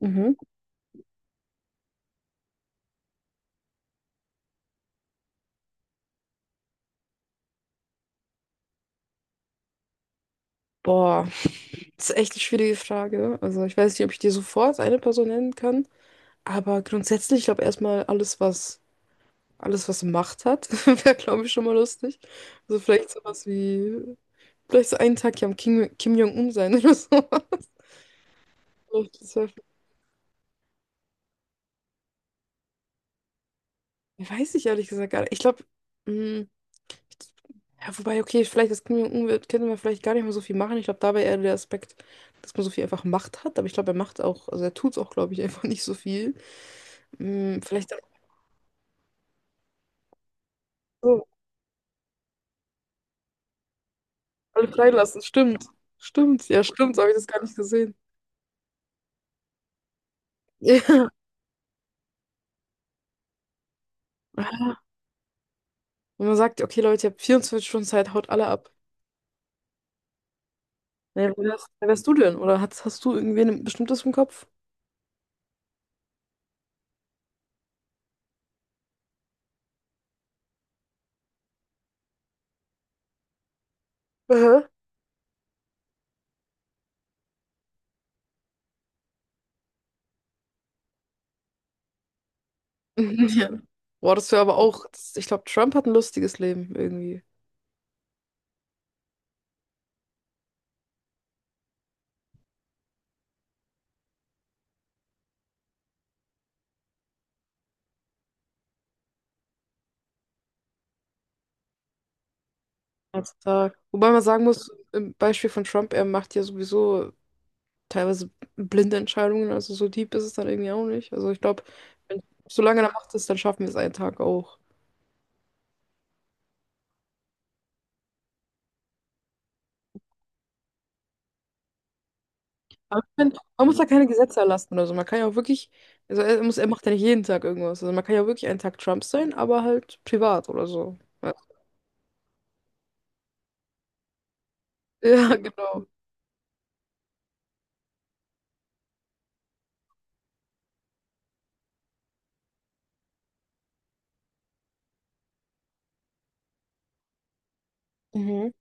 Mhm. Boah, das ist echt eine schwierige Frage. Also ich weiß nicht, ob ich dir sofort eine Person nennen kann, aber grundsätzlich, ich glaube erstmal alles, was alles was Macht hat, wäre, glaube ich, schon mal lustig. Also vielleicht sowas wie, vielleicht so einen Tag ja am Kim Jong-un sein oder so. Vielleicht, das wär- Weiß ich ehrlich gesagt gar nicht. Ich glaube, ja, wobei, okay, vielleicht, das können wir, könnte man vielleicht gar nicht mehr so viel machen. Ich glaube, dabei eher der Aspekt, dass man so viel einfach Macht hat. Aber ich glaube, er macht auch, also er tut es auch, glaube ich, einfach nicht so viel. Hm, vielleicht dann so, alle freilassen. Stimmt. Stimmt. Ja, stimmt. So habe ich das gar nicht gesehen. Ja. Wenn man sagt, okay, Leute, ihr habt 24 Stunden Zeit, haut alle ab. Naja, wer wärst du denn? Oder hast du irgendwen ein bestimmtes im Kopf? Aha. Ja. Boah, das wäre aber auch, das, ich glaube, Trump hat ein lustiges Leben irgendwie. Als Tag. Wobei man sagen muss, im Beispiel von Trump, er macht ja sowieso teilweise blinde Entscheidungen, also so deep ist es dann irgendwie auch nicht. Also ich glaube, wenn solange er macht ist, dann schaffen wir es einen Tag auch. Aber ich find, man muss ja keine Gesetze erlassen oder so. Man kann ja auch wirklich, also er muss, er macht ja nicht jeden Tag irgendwas. Also man kann ja wirklich einen Tag Trump sein, aber halt privat oder so. Ja. Ja, genau. Mhm.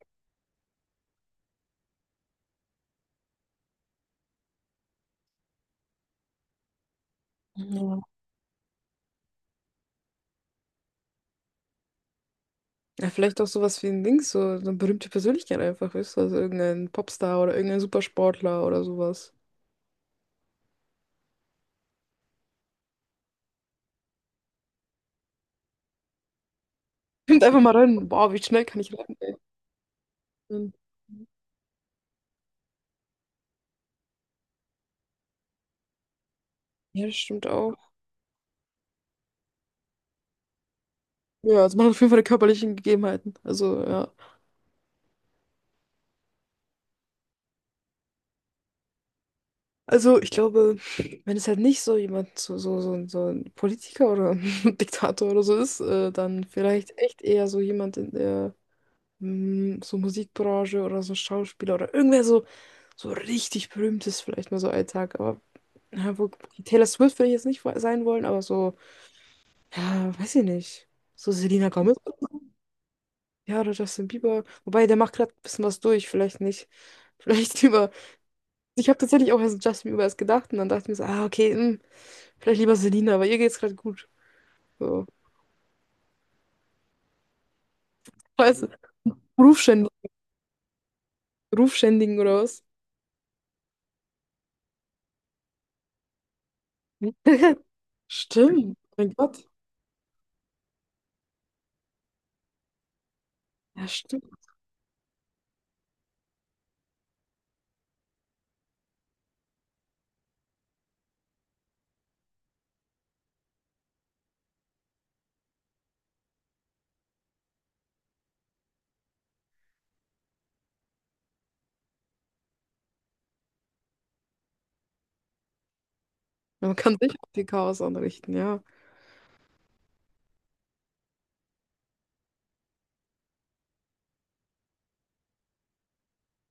Ja. Ja, vielleicht auch sowas wie ein Ding, so eine berühmte Persönlichkeit einfach, weißt du, also irgendein Popstar oder irgendein Supersportler oder sowas. Kommt einfach mal rein. Boah, wie schnell kann ich rappen? Ja, das stimmt auch. Ja, also man hat auf jeden Fall die körperlichen Gegebenheiten. Also, ja. Also, ich glaube, wenn es halt nicht so jemand, so ein Politiker oder ein Diktator oder so ist, dann vielleicht echt eher so jemand in der so Musikbranche oder so Schauspieler oder irgendwer so, so richtig berühmtes, vielleicht mal so Alltag. Aber ja, wo, Taylor Swift will ich jetzt nicht sein wollen, aber so, ja, weiß ich nicht. So Selena Gomez. Ja, oder Justin Bieber. Wobei, der macht gerade ein bisschen was durch, vielleicht nicht. Vielleicht lieber. Ich habe tatsächlich auch erst an Justin Bieber erst gedacht und dann dachte ich mir so, ah, okay, hm, vielleicht lieber Selina, aber ihr geht's gerade gut. So. Weißt du, Rufschänd Rufschändigen oder was? Stimmt, mein Gott. Ja, stimmt. Man kann sich auch viel Chaos anrichten, ja.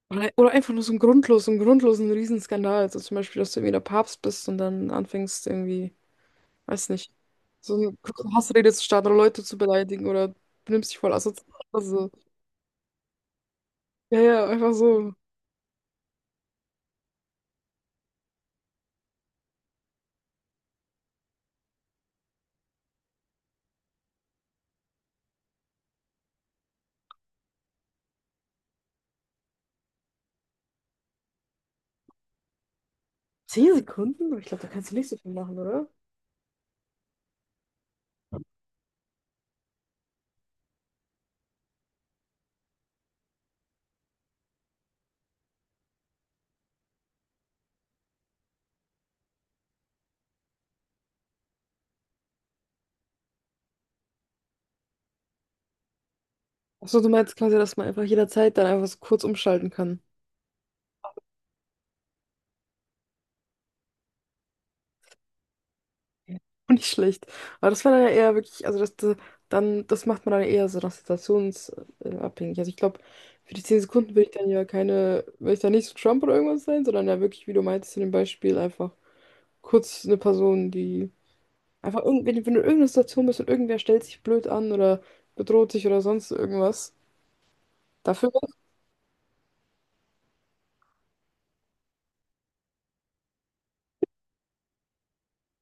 Oder einfach nur so ein grundlos, so einen grundlosen Riesenskandal. Also zum Beispiel, dass du irgendwie der Papst bist und dann anfängst irgendwie. Weiß nicht. So eine kurze Hassrede zu starten oder Leute zu beleidigen oder benimmst dich voll asozial. Also, ja, ja, einfach so. 10 Sekunden? Aber ich glaube, da kannst du nicht so viel machen, oder? Achso, du meinst quasi, dass man einfach jederzeit dann einfach so kurz umschalten kann. Auch nicht schlecht. Aber das wäre dann ja eher wirklich, dann, das macht man dann eher so nach situationsabhängig. Also ich glaube, für die 10 Sekunden will ich dann nicht so Trump oder irgendwas sein, sondern ja wirklich, wie du meintest in dem Beispiel, einfach kurz eine Person, die. Einfach irgend, wenn, du- Wenn du in irgendeiner Situation bist und irgendwer stellt sich blöd an oder bedroht dich oder sonst irgendwas. Dafür war's.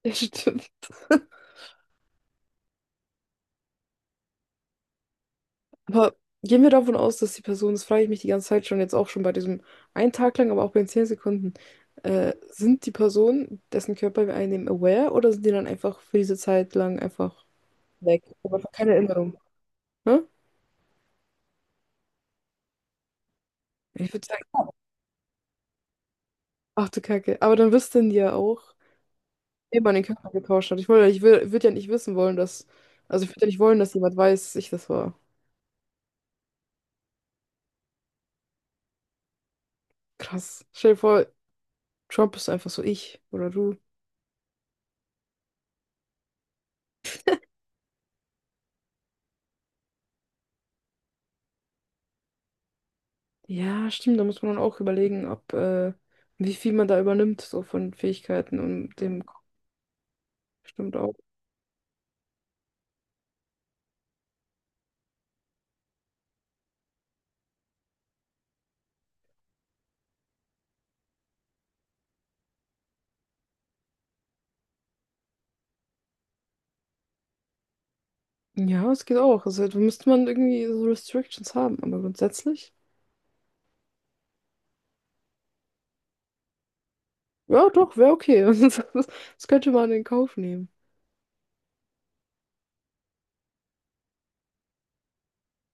Ja, stimmt. Aber gehen wir davon aus, dass die Person, das frage ich mich die ganze Zeit schon, jetzt auch schon bei diesem einen Tag lang, aber auch bei den 10 Sekunden, sind die Personen, dessen Körper wir einnehmen, aware oder sind die dann einfach für diese Zeit lang einfach weg? Aber einfach keine Erinnerung. Ne? Ich würde sagen, ja. Ach du Kacke. Aber dann wüssten die ja auch, wem man den Körper getauscht hat. Ich wollte, ich will, würde würd ja nicht wissen wollen, dass, also ich würde ja nicht wollen, dass jemand weiß, dass ich das war. Krass. Stell dir vor, Trump ist einfach so ich oder du. Ja, stimmt, da muss man dann auch überlegen, ob, wie viel man da übernimmt, so von Fähigkeiten und dem stimmt auch. Ja, es geht auch. Also da müsste man irgendwie so Restrictions haben, aber grundsätzlich, ja, doch, wäre okay. Das, das könnte man in Kauf nehmen.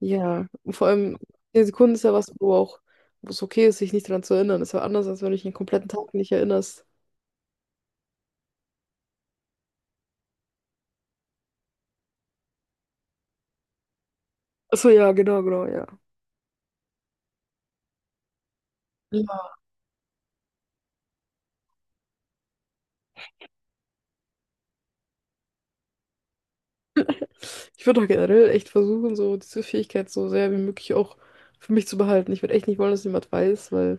Ja, und vor allem, 10 Sekunden ist ja was, wo auch, wo es okay ist, sich nicht daran zu erinnern. Ist ja anders, als wenn du dich den kompletten Tag nicht erinnerst. Achso, ja, genau, genau, ja. Ich würde auch generell echt versuchen, so diese Fähigkeit so sehr wie möglich auch für mich zu behalten. Ich würde echt nicht wollen, dass jemand weiß, weil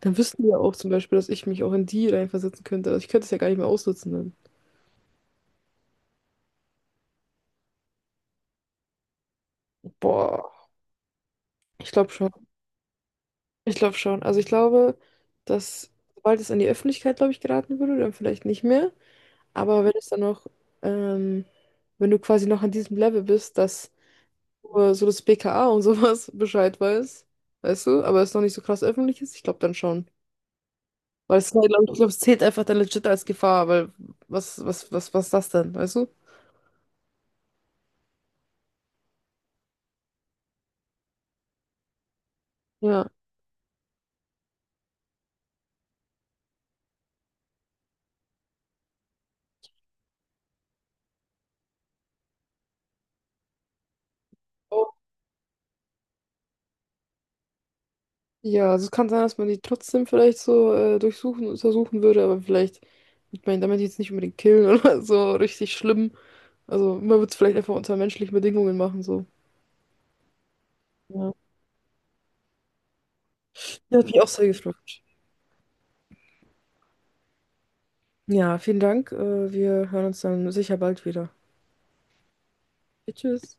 dann wüssten die ja auch zum Beispiel, dass ich mich auch in die reinversetzen könnte. Also ich könnte es ja gar nicht mehr aussitzen dann. Boah, ich glaube schon. Ich glaube schon. Also ich glaube, dass sobald es an die Öffentlichkeit, glaube ich, geraten würde, dann vielleicht nicht mehr. Aber wenn es dann noch, ähm, wenn du quasi noch an diesem Level bist, dass nur so das BKA und sowas Bescheid weiß, weißt du, aber es noch nicht so krass öffentlich ist, ich glaube dann schon. Weil es, glaub ich glaube, es zählt einfach dann legit als Gefahr, weil was ist das denn, weißt du? Ja. Oh. Ja, also es kann sein, dass man die trotzdem vielleicht so durchsuchen, untersuchen würde, aber vielleicht, ich meine, damit jetzt nicht unbedingt killen oder so richtig schlimm. Also man würde es vielleicht einfach unter menschlichen Bedingungen machen, so. Ja. Ja, hat mich auch sehr gefreut. Ja, vielen Dank. Wir hören uns dann sicher bald wieder. Tschüss.